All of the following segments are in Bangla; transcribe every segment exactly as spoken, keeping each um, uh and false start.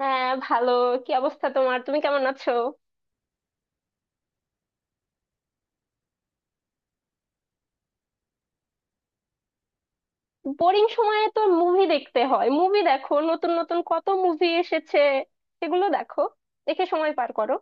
হ্যাঁ, ভালো। কি অবস্থা তোমার? তুমি কেমন আছো? বোরিং সময়ে তো মুভি দেখতে হয়। মুভি দেখো, নতুন নতুন কত মুভি এসেছে, সেগুলো দেখো, দেখে সময় পার করো।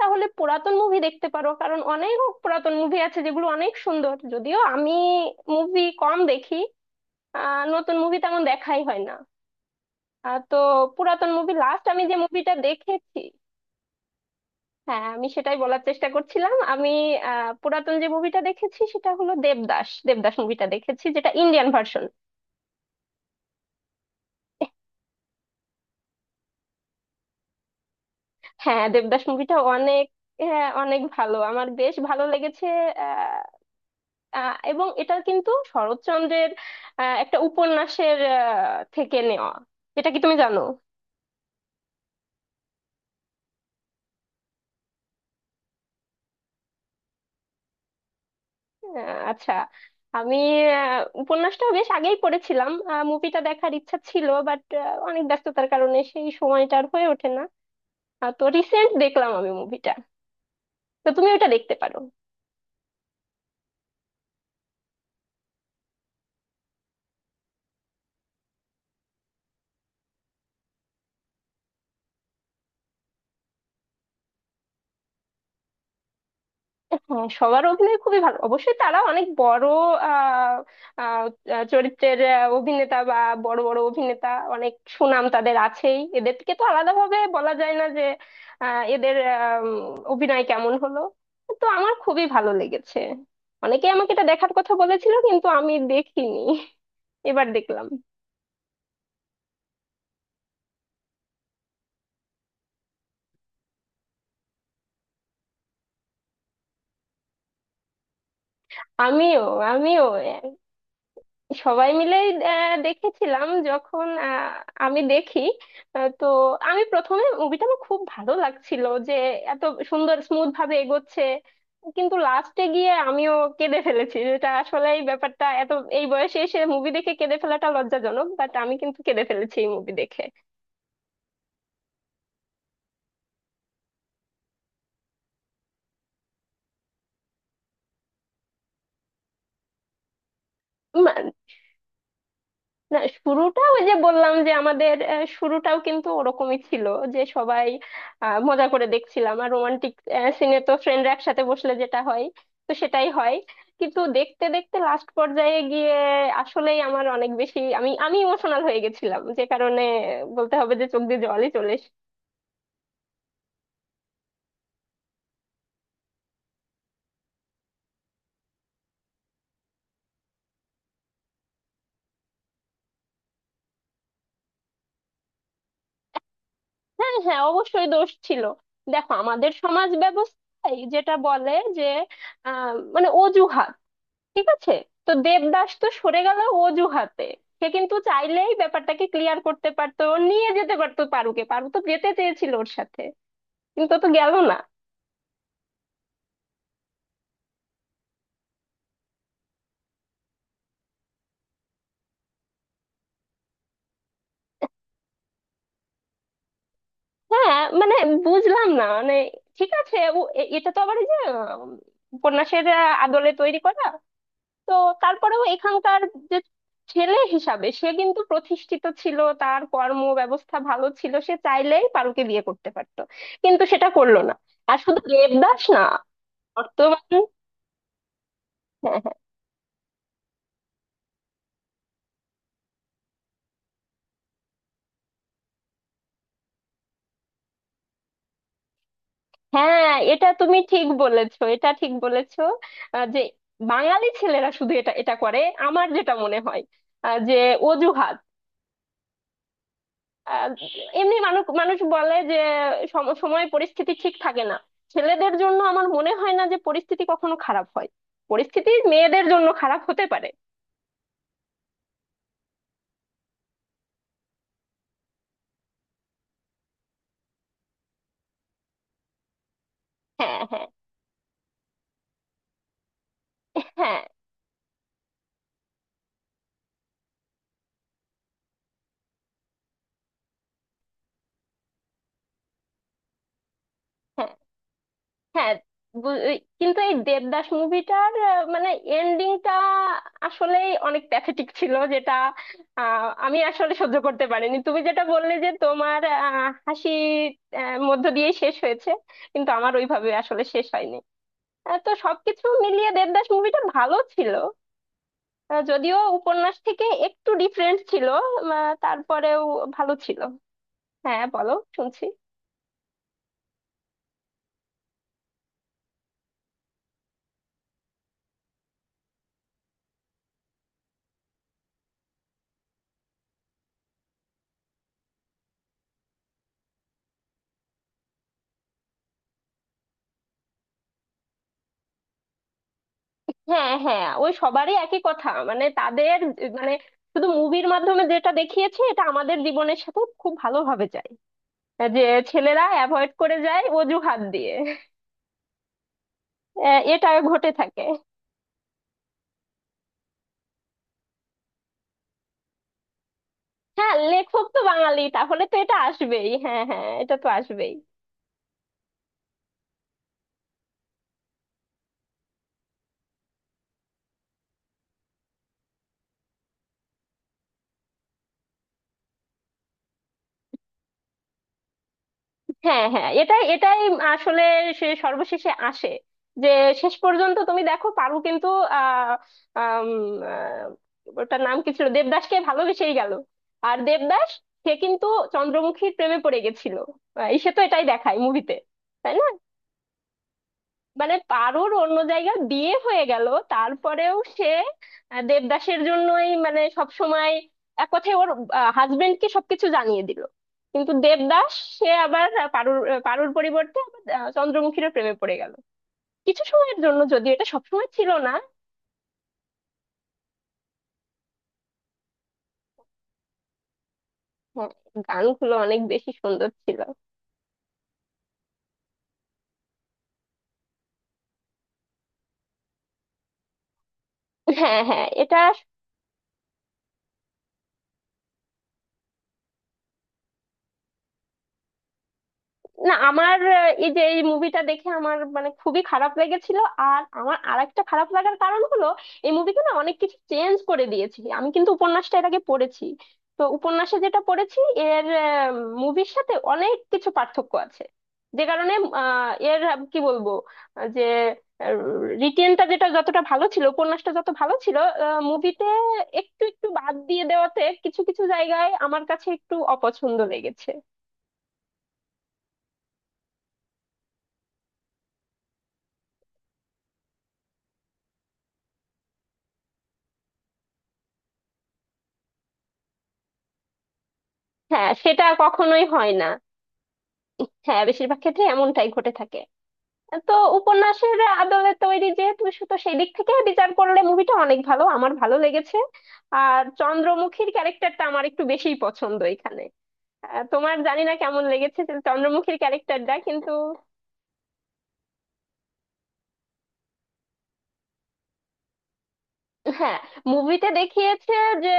তাহলে পুরাতন মুভি দেখতে পারো, কারণ অনেক পুরাতন মুভি আছে যেগুলো অনেক সুন্দর। যদিও আমি মুভি কম দেখি। আহ নতুন মুভি তেমন দেখাই হয় না। আহ, তো পুরাতন মুভি, লাস্ট আমি যে মুভিটা দেখেছি, হ্যাঁ আমি সেটাই বলার চেষ্টা করছিলাম। আমি আহ, পুরাতন যে মুভিটা দেখেছি সেটা হলো দেবদাস। দেবদাস মুভিটা দেখেছি, যেটা ইন্ডিয়ান ভার্সন। হ্যাঁ দেবদাস মুভিটা অনেক, হ্যাঁ অনেক ভালো, আমার বেশ ভালো লেগেছে। আহ, আহ, এবং এটা কিন্তু শরৎচন্দ্রের আহ, একটা উপন্যাসের আহ, থেকে নেওয়া। এটা কি তুমি জানো? আহ, আচ্ছা। আমি আহ, উপন্যাসটা বেশ আগেই পড়েছিলাম, মুভিটা দেখার ইচ্ছা ছিল বাট অনেক ব্যস্ততার কারণে সেই সময়টা আর হয়ে ওঠে না। আহ, তো রিসেন্ট দেখলাম আমি মুভিটা, তো তুমি ওটা দেখতে পারো। হ্যাঁ সবার অভিনয় খুবই ভালো, অবশ্যই তারা অনেক বড় আহ আহ, আহ, চরিত্রের আহ, অভিনেতা, বা বড় বড় অভিনেতা। অনেক সুনাম তাদের আছেই, এদেরকে তো আলাদাভাবে বলা যায় না যে আহ, এদের আম, অভিনয় কেমন হলো। তো আমার খুবই ভালো লেগেছে। অনেকে আমাকে এটা দেখার কথা বলেছিল কিন্তু আমি দেখিনি, এবার দেখলাম। আমিও, আমিও সবাই মিলেই আহ, দেখেছিলাম যখন আহ, আমি দেখি। আহ, তো আমি প্রথমে মুভিটা আমার খুব ভালো লাগছিল, যে এত সুন্দর স্মুথ ভাবে এগোচ্ছে। কিন্তু লাস্টে গিয়ে আমিও কেঁদে ফেলেছি, যেটা আসলে এই ব্যাপারটা এত, এই বয়সে এসে মুভি দেখে কেঁদে ফেলাটা লজ্জাজনক, বাট আমি কিন্তু কেঁদে ফেলেছি এই মুভি দেখে। না, শুরুটা ওই যে বললাম যে আমাদের আহ, শুরুটাও কিন্তু ওরকমই ছিল, যে সবাই আহ, মজা করে দেখছিলাম। আর রোমান্টিক সিনে তো ফ্রেন্ডরা একসাথে বসলে যেটা হয়, তো সেটাই হয়। কিন্তু দেখতে দেখতে লাস্ট পর্যায়ে গিয়ে আসলেই আমার অনেক বেশি, আমি আমি ইমোশনাল হয়ে গেছিলাম, যে কারণে বলতে হবে যে চোখ দিয়ে জলই চলে এসেছে। হ্যাঁ হ্যাঁ অবশ্যই দোষ ছিল। দেখো আমাদের সমাজ ব্যবস্থায় যেটা বলে যে আহ, মানে অজুহাত, ঠিক আছে, তো দেবদাস তো সরে গেল অজুহাতে। সে কিন্তু চাইলেই ব্যাপারটাকে ক্লিয়ার করতে পারতো, ও নিয়ে যেতে পারতো পারুকে, পারু তো যেতে চেয়েছিল ওর সাথে, কিন্তু ও তো গেল না। হ্যাঁ মানে বুঝলাম না মানে, ঠিক আছে, ও এ- এটা তো আবার এই যে উম, উপন্যাসের আহ, আদলে তৈরি করা, তো তারপরেও এখানকার যে ছেলে হিসাবে সে কিন্তু প্রতিষ্ঠিত ছিল, তার কর্ম ব্যবস্থা ভালো ছিল, সে চাইলেই পারুকে বিয়ে করতে পারতো, কিন্তু সেটা করলো না। আর শুধু দেবদাস না, বর্তমান। হ্যাঁ, হ্যাঁ এটা তুমি ঠিক বলেছো, এটা ঠিক বলেছো। আহ, যে বাঙালি ছেলেরা শুধু এটা এটা করে, আমার যেটা মনে হয় আহ, যে অজুহাত। আহ, এমনি মানুষ মানুষ বলে যে সম- সময় পরিস্থিতি ঠিক থাকে না, ছেলেদের জন্য আমার মনে হয় না যে পরিস্থিতি কখনো খারাপ হয়, পরিস্থিতি মেয়েদের জন্য খারাপ হতে পারে। হ্যাঁ, হ্যাঁ, হ্যাঁ, হ্যাঁ। হ্যাঁ, বু- এই- কিন্তু এই দেবদাস মুভিটার আহ, মানে এন্ডিংটা আসলেই অনেক প্যাথেটিক ছিল, যেটা আহ, আমি আসলে সহ্য করতে পারিনি। তুমি যেটা বললে যে তোমার আহ, হাসি আহ, মধ্য দিয়ে শেষ হয়েছে, কিন্তু আমার ওইভাবে আসলে শেষ হয়নি। আহ, তো সবকিছু মিলিয়ে দেবদাস মুভিটা ভালো ছিল, আহ, যদিও উপন্যাস থেকে একটু ডিফারেন্ট ছিল, আহ, তারপরেও ভালো ছিল। হ্যাঁ বলো, শুনছি। হ্যাঁ হ্যাঁ, ওই সবারই একই কথা মানে তাদের, মানে শুধু মুভির মাধ্যমে যেটা দেখিয়েছে এটা আমাদের জীবনের সাথে খুব ভালোভাবে যায়, যে ছেলেরা অ্যাভয়েড করে যায় অজুহাত দিয়ে, আহ, এটা ঘটে থাকে। হ্যাঁ লেখক তো বাঙালি, তাহলে তো এটা আসবেই, হ্যাঁ হ্যাঁ এটা তো আসবেই। হ্যাঁ হ্যাঁ এটাই এটাই আসলে, সে সর্বশেষে আসে যে শেষ পর্যন্ত তুমি দেখো পারু কিন্তু আহ আম, আহ, ওটার নাম কি ছিল, দেবদাসকে ভালোবেসেই গেল। আর দেবদাস, সে কিন্তু চন্দ্রমুখীর প্রেমে পড়ে গেছিল, আহ, সে তো এটাই দেখায় মুভিতে, তাই না? মানে পারুর অন্য জায়গায় বিয়ে হয়ে গেল, তারপরেও সে আহ, দেবদাসের জন্যই মানে সব সময়, এক কথায় ওর হাজবেন্ডকে সবকিছু জানিয়ে দিল। কিন্তু দেবদাস সে আবার আহ, পারুর আহ, পারুর পরিবর্তে আবার আহ, চন্দ্রমুখীর প্রেমে পড়ে গেল, কিছু সময়ের জন্য, যদিও এটা সবসময় ছিল না। হ্যাঁ, গানগুলো অনেক বেশি সুন্দর ছিল। হ্যাঁ হ্যাঁ এটা, না আমার আহ, এই যে এই মুভিটা দেখে আমার মানে খুবই খারাপ লেগেছিল, আর আমার আরেকটা খারাপ লাগার কারণ হলো, এই মুভিতে না অনেক কিছু চেঞ্জ করে দিয়েছি আমি, কিন্তু উপন্যাসটা এর আগে পড়েছি, তো উপন্যাসে যেটা পড়েছি এর মুভির সাথে অনেক কিছু পার্থক্য আছে, যে কারণে আহ, এর আহ, কি বলবো আহ, যে রিটেনটা যেটা যতটা ভালো ছিল, উপন্যাসটা যত ভালো ছিল, মুভিতে একটু একটু বাদ দিয়ে দেওয়াতে কিছু কিছু জায়গায় আমার কাছে একটু অপছন্দ লেগেছে। হ্যাঁ সেটা কখনোই হয় না। হ্যাঁ বেশিরভাগ ক্ষেত্রে এমনটাই ঘটে থাকে। তো উপন্যাসের আদলে তৈরি যেহেতু, তো সেই দিক থেকে বিচার করলে মুভিটা অনেক ভালো, আমার ভালো লেগেছে। আর চন্দ্রমুখীর ক্যারেক্টারটা আমার একটু বেশিই পছন্দ এখানে। আহ, তোমার জানি না কেমন লেগেছে যে চন্দ্রমুখীর ক্যারেক্টারটা, কিন্তু হ্যাঁ মুভিতে দেখিয়েছে যে,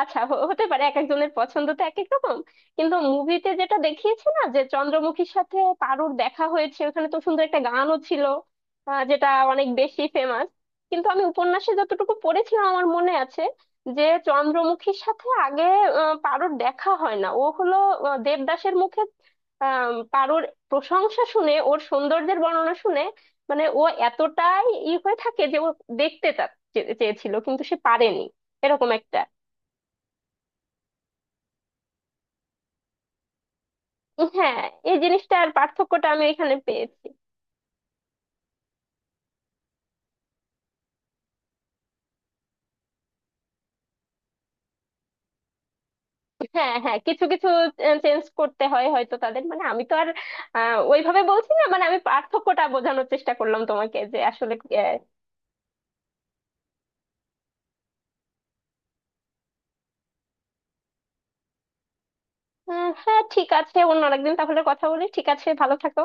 আচ্ছা হ- হতে পারে, এক একজনের পছন্দ তো এক এক রকম। কিন্তু মুভিতে যেটা দেখিয়েছে না, যে চন্দ্রমুখীর সাথে পারুর দেখা হয়েছে, ওখানে তো সুন্দর একটা গানও ছিল, আহ, যেটা অনেক বেশি ফেমাস। কিন্তু আমি উপন্যাসে যতটুকু পড়েছিলাম, আমার মনে আছে যে চন্দ্রমুখীর সাথে আগে আহ, পারুর দেখা হয় না, ও হলো আহ, দেবদাসের মুখে আহ পারুর প্রশংসা শুনে, ওর সৌন্দর্যের বর্ণনা শুনে মানে ও এতটাই ই হয়ে থাকে যে ও দেখতে চা- চে- চেয়েছিল, কিন্তু সে পারেনি, এরকম একটা। হ্যাঁ এই জিনিসটার পার্থক্যটা আমি এখানে পেয়েছি। হ্যাঁ হ্যাঁ কিছু কিছু চেঞ্জ করতে হয় হয়তো তাদের, মানে আমি তো আর আহ, ওইভাবে বলছি না, মানে আমি পার্থক্যটা বোঝানোর চেষ্টা করলাম তোমাকে যে আসলে। আহ, আহ, হ্যাঁ ঠিক আছে, অন্য আরেকদিন তাহলে কথা বলি, ঠিক আছে, ভালো থাকো।